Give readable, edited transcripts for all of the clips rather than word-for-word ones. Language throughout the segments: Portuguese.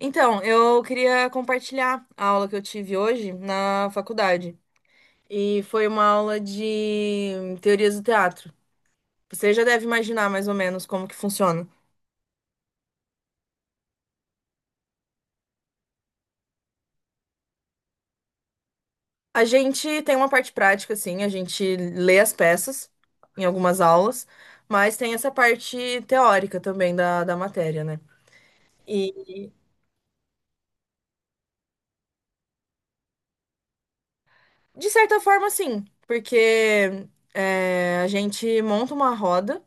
Então, eu queria compartilhar a aula que eu tive hoje na faculdade. E foi uma aula de teorias do teatro. Você já deve imaginar mais ou menos como que funciona. A gente tem uma parte prática, assim, a gente lê as peças em algumas aulas, mas tem essa parte teórica também da matéria, né? E, de certa forma, sim, porque é, a gente monta uma roda.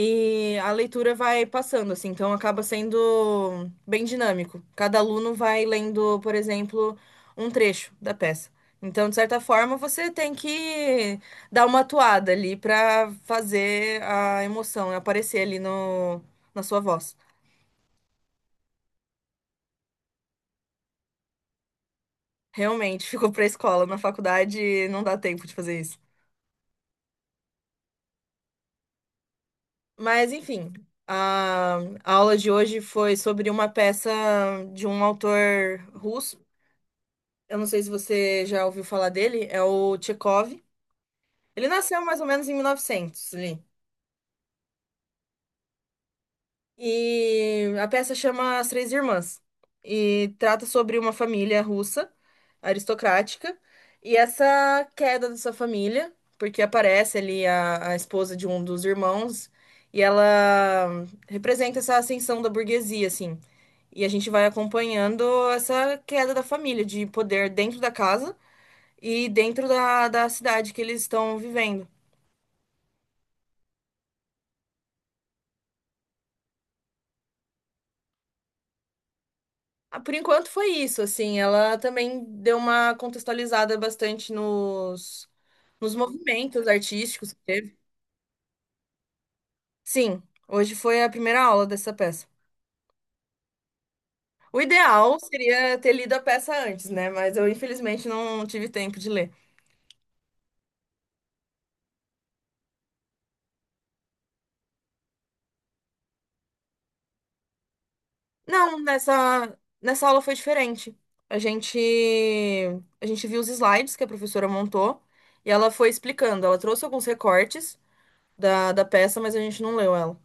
E a leitura vai passando, assim, então acaba sendo bem dinâmico. Cada aluno vai lendo, por exemplo, um trecho da peça. Então, de certa forma, você tem que dar uma atuada ali para fazer a emoção aparecer ali no, na sua voz. Realmente, ficou pra escola, na faculdade não dá tempo de fazer isso. Mas, enfim, a, a aula de hoje foi sobre uma peça de um autor russo. Eu não sei se você já ouviu falar dele, é o Tchekov. Ele nasceu mais ou menos em 1900 ali. E a peça chama As Três Irmãs e trata sobre uma família russa aristocrática e essa queda dessa família, porque aparece ali a esposa de um dos irmãos e ela representa essa ascensão da burguesia, assim. E a gente vai acompanhando essa queda da família de poder dentro da casa e dentro da cidade que eles estão vivendo. Ah, por enquanto foi isso, assim, ela também deu uma contextualizada bastante nos movimentos artísticos que teve. Sim, hoje foi a primeira aula dessa peça. O ideal seria ter lido a peça antes, né? Mas eu infelizmente não tive tempo de ler. Não, nessa, Nessa aula foi diferente. A gente, a gente viu os slides que a professora montou e ela foi explicando. Ela trouxe alguns recortes da peça, mas a gente não leu ela.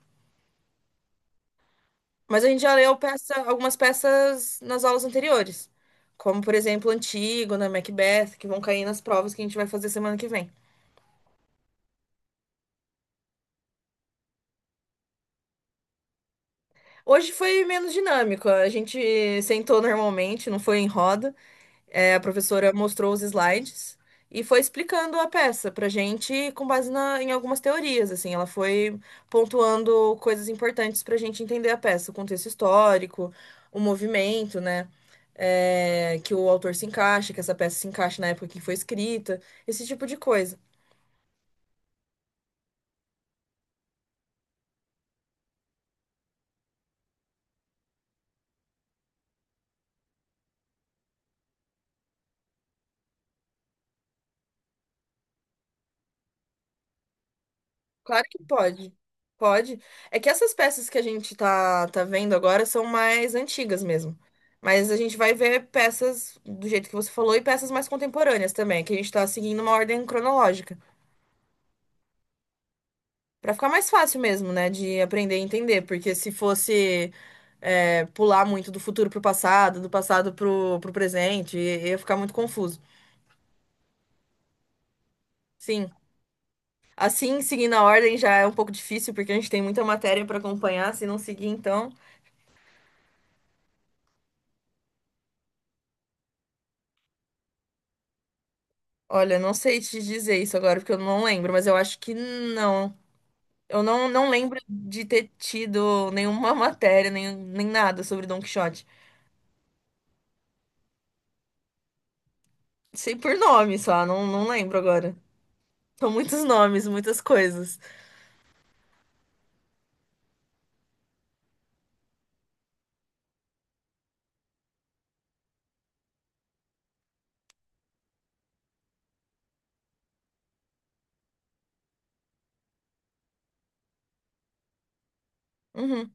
Mas a gente já leu peça, algumas peças nas aulas anteriores, como, por exemplo, Antígona, Macbeth, que vão cair nas provas que a gente vai fazer semana que vem. Hoje foi menos dinâmico, a gente sentou normalmente, não foi em roda. É, a professora mostrou os slides e foi explicando a peça pra gente com base na- em algumas teorias, assim. Ela foi pontuando coisas importantes pra gente entender a peça, o contexto histórico, o movimento, né? É, que o autor se encaixa, que essa peça se encaixa na época que foi escrita, esse tipo de coisa. Claro que pode. Pode. É que essas peças que a gente tá vendo agora são mais antigas mesmo. Mas a gente vai ver peças do jeito que você falou e peças mais contemporâneas também, que a gente tá seguindo uma ordem cronológica. Pra ficar mais fácil mesmo, né, de aprender e entender. Porque se fosse é, pular muito do futuro pro passado, do passado pro presente, i- ia ficar muito confuso. Sim. Assim, seguindo a ordem já é um pouco difícil, porque a gente tem muita matéria pra acompanhar. Se não seguir, então. Olha, não sei te dizer isso agora, porque eu não lembro, mas eu acho que não. Eu não lembro de ter tido nenhuma matéria, nem nada sobre Don Quixote. Sei por nome só, não lembro agora. São muitos nomes, muitas coisas. Uhum.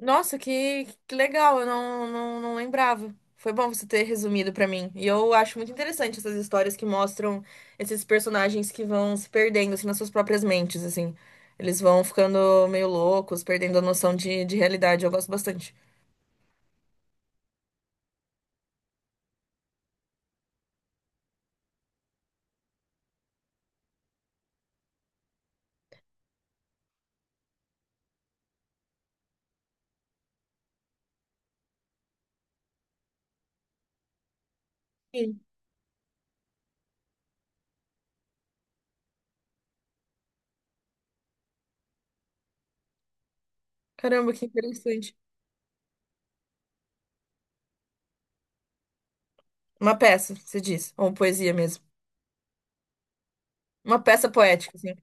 Nossa, que legal, eu não lembrava. Foi bom você ter resumido pra mim. E eu acho muito interessante essas histórias que mostram esses personagens que vão se perdendo, assim, nas suas próprias mentes, assim. Eles vão ficando meio loucos, perdendo a noção de realidade. Eu gosto bastante. Sim. Caramba, que interessante. Uma peça, você diz, ou poesia mesmo. Uma peça poética, assim.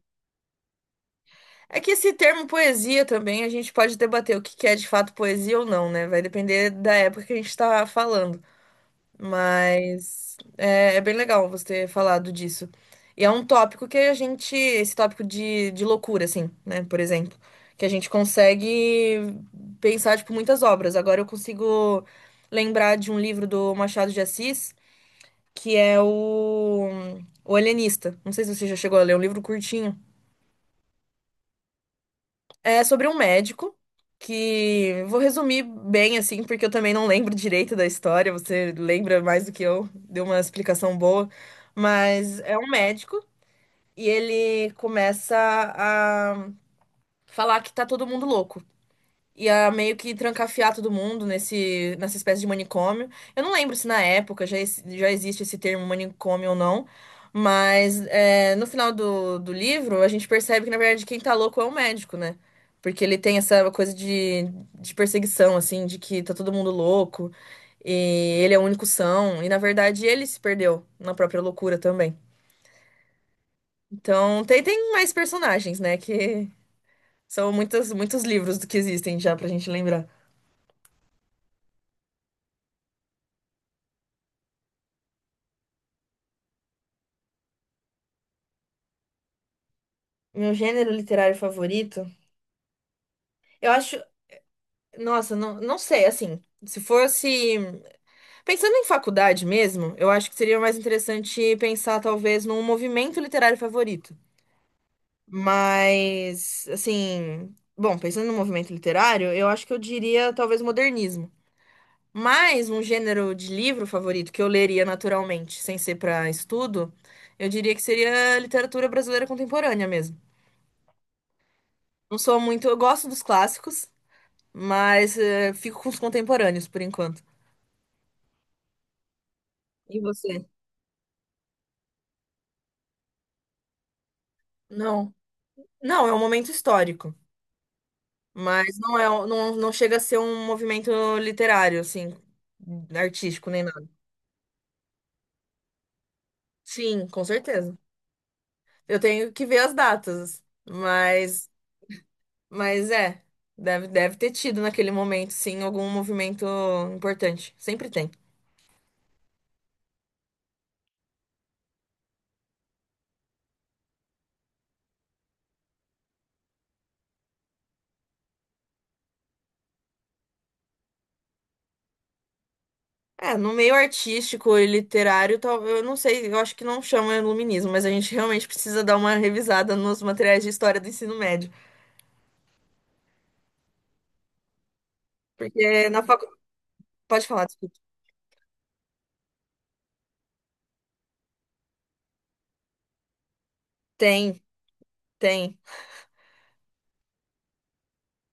É que esse termo poesia também, a gente pode debater o que que é de fato poesia ou não, né? Vai depender da época que a gente tá falando. Mas é, é bem legal você ter falado disso. E é um tópico que a gente, esse tópico de loucura, assim, né? Por exemplo, que a gente consegue pensar, tipo, muitas obras. Agora eu consigo lembrar de um livro do Machado de Assis, que é o Alienista. Não sei se você já chegou a ler, é um livro curtinho. É sobre um médico que vou resumir bem assim, porque eu também não lembro direito da história, você lembra mais do que eu, deu uma explicação boa, mas é um médico e ele começa a falar que tá todo mundo louco ia meio que trancafiar todo mundo nessa espécie de manicômio. Eu não lembro se na época já, ex- já existe esse termo manicômio ou não, mas é, no final do livro a gente percebe que, na verdade, quem tá louco é o médico, né? Porque ele tem essa coisa de perseguição, assim, de que tá todo mundo louco e ele é o único são, e na verdade ele se perdeu na própria loucura também. Então tem mais personagens, né? Que são muitos, muitos livros que existem já pra gente lembrar. Meu gênero literário favorito? Eu acho. Nossa, não sei, assim. Se fosse. Pensando em faculdade mesmo, eu acho que seria mais interessante pensar, talvez, num movimento literário favorito. Mas, assim. Bom, pensando no movimento literário, eu acho que eu diria, talvez, modernismo. Mas um gênero de livro favorito que eu leria naturalmente, sem ser para estudo, eu diria que seria literatura brasileira contemporânea mesmo. Não sou muito. Eu gosto dos clássicos, mas fico com os contemporâneos por enquanto. E você? Não, não, é um momento histórico, mas não é, um- não chega a ser um movimento literário, assim, artístico nem nada. Sim, com certeza. Eu tenho que ver as datas, mas é, deve ter tido naquele momento, sim, algum movimento importante. Sempre tem. É, no meio artístico e literário, tal- eu não sei, eu acho que não chama iluminismo, mas a gente realmente precisa dar uma revisada nos materiais de história do ensino médio. Porque na faculdade. Pode falar, desculpa. Tem, tem.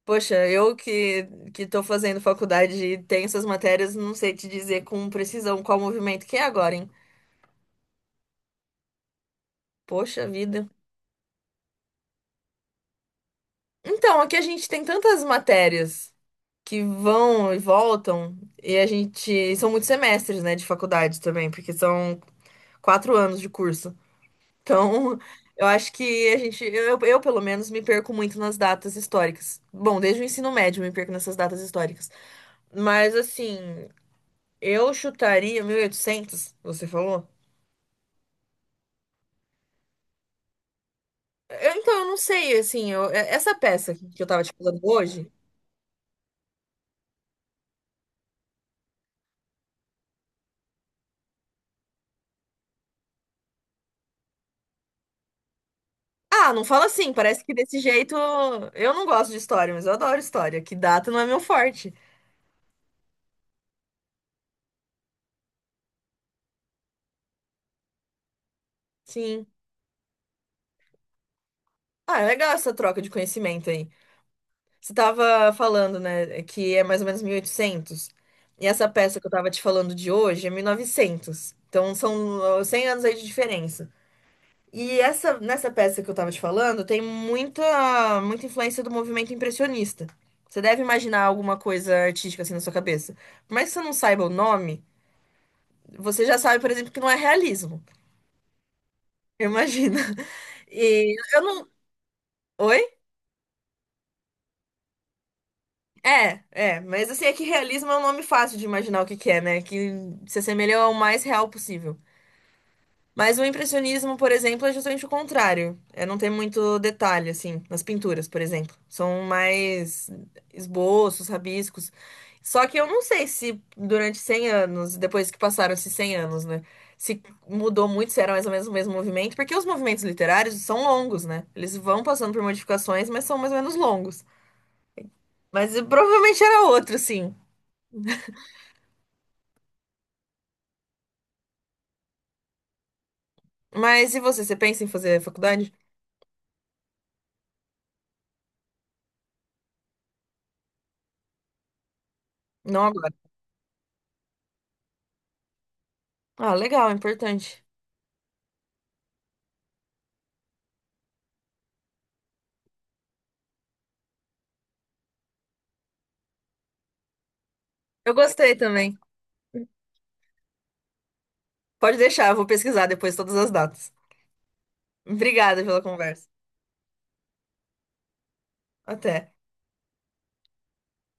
Poxa, que tô fazendo faculdade e tenho essas matérias, não sei te dizer com precisão qual movimento que é agora, hein? Poxa vida. Então, aqui a gente tem tantas matérias que vão e voltam, e a gente. São muitos semestres, né, de faculdade também, porque são quatro anos de curso. Então, eu acho que eu pelo menos me perco muito nas datas históricas. Bom, desde o ensino médio eu me perco nessas datas históricas. Mas assim, eu chutaria 1800. Você falou? Eu não sei, assim, essa peça que eu tava te falando hoje. Ah, não fala assim, parece que desse jeito eu não gosto de história, mas eu adoro história, que data não é meu forte. Sim. Ah, é legal essa troca de conhecimento aí. Você estava falando, né, que é mais ou menos 1800. E oitocentos. E essa peça que eu estava te falando de hoje é 1900. Então são 100 anos aí de diferença. E essa nessa peça que eu estava te falando tem muita muita influência do movimento impressionista. Você deve imaginar alguma coisa artística assim na sua cabeça. Por mais que você não saiba o nome, você já sabe, por exemplo, que não é realismo. Imagina. E eu não. Oi? É, é, mas assim, é que realismo é um nome fácil de imaginar o que que é, né? Que se assemelha ao mais real possível. Mas o impressionismo, por exemplo, é justamente o contrário. É não ter muito detalhe, assim, nas pinturas, por exemplo. São mais esboços, rabiscos. Só que eu não sei se durante 100 anos, depois que passaram esses 100 anos, né? Se mudou muito, se era mais ou menos o mesmo movimento, porque os movimentos literários são longos, né? Eles vão passando por modificações, mas são mais ou menos longos. Mas provavelmente era outro, sim. Mas e você, você pensa em fazer faculdade? Não agora. Ah, legal, importante. Eu gostei também. Pode deixar, eu vou pesquisar depois todas as datas. Obrigada pela conversa. Até.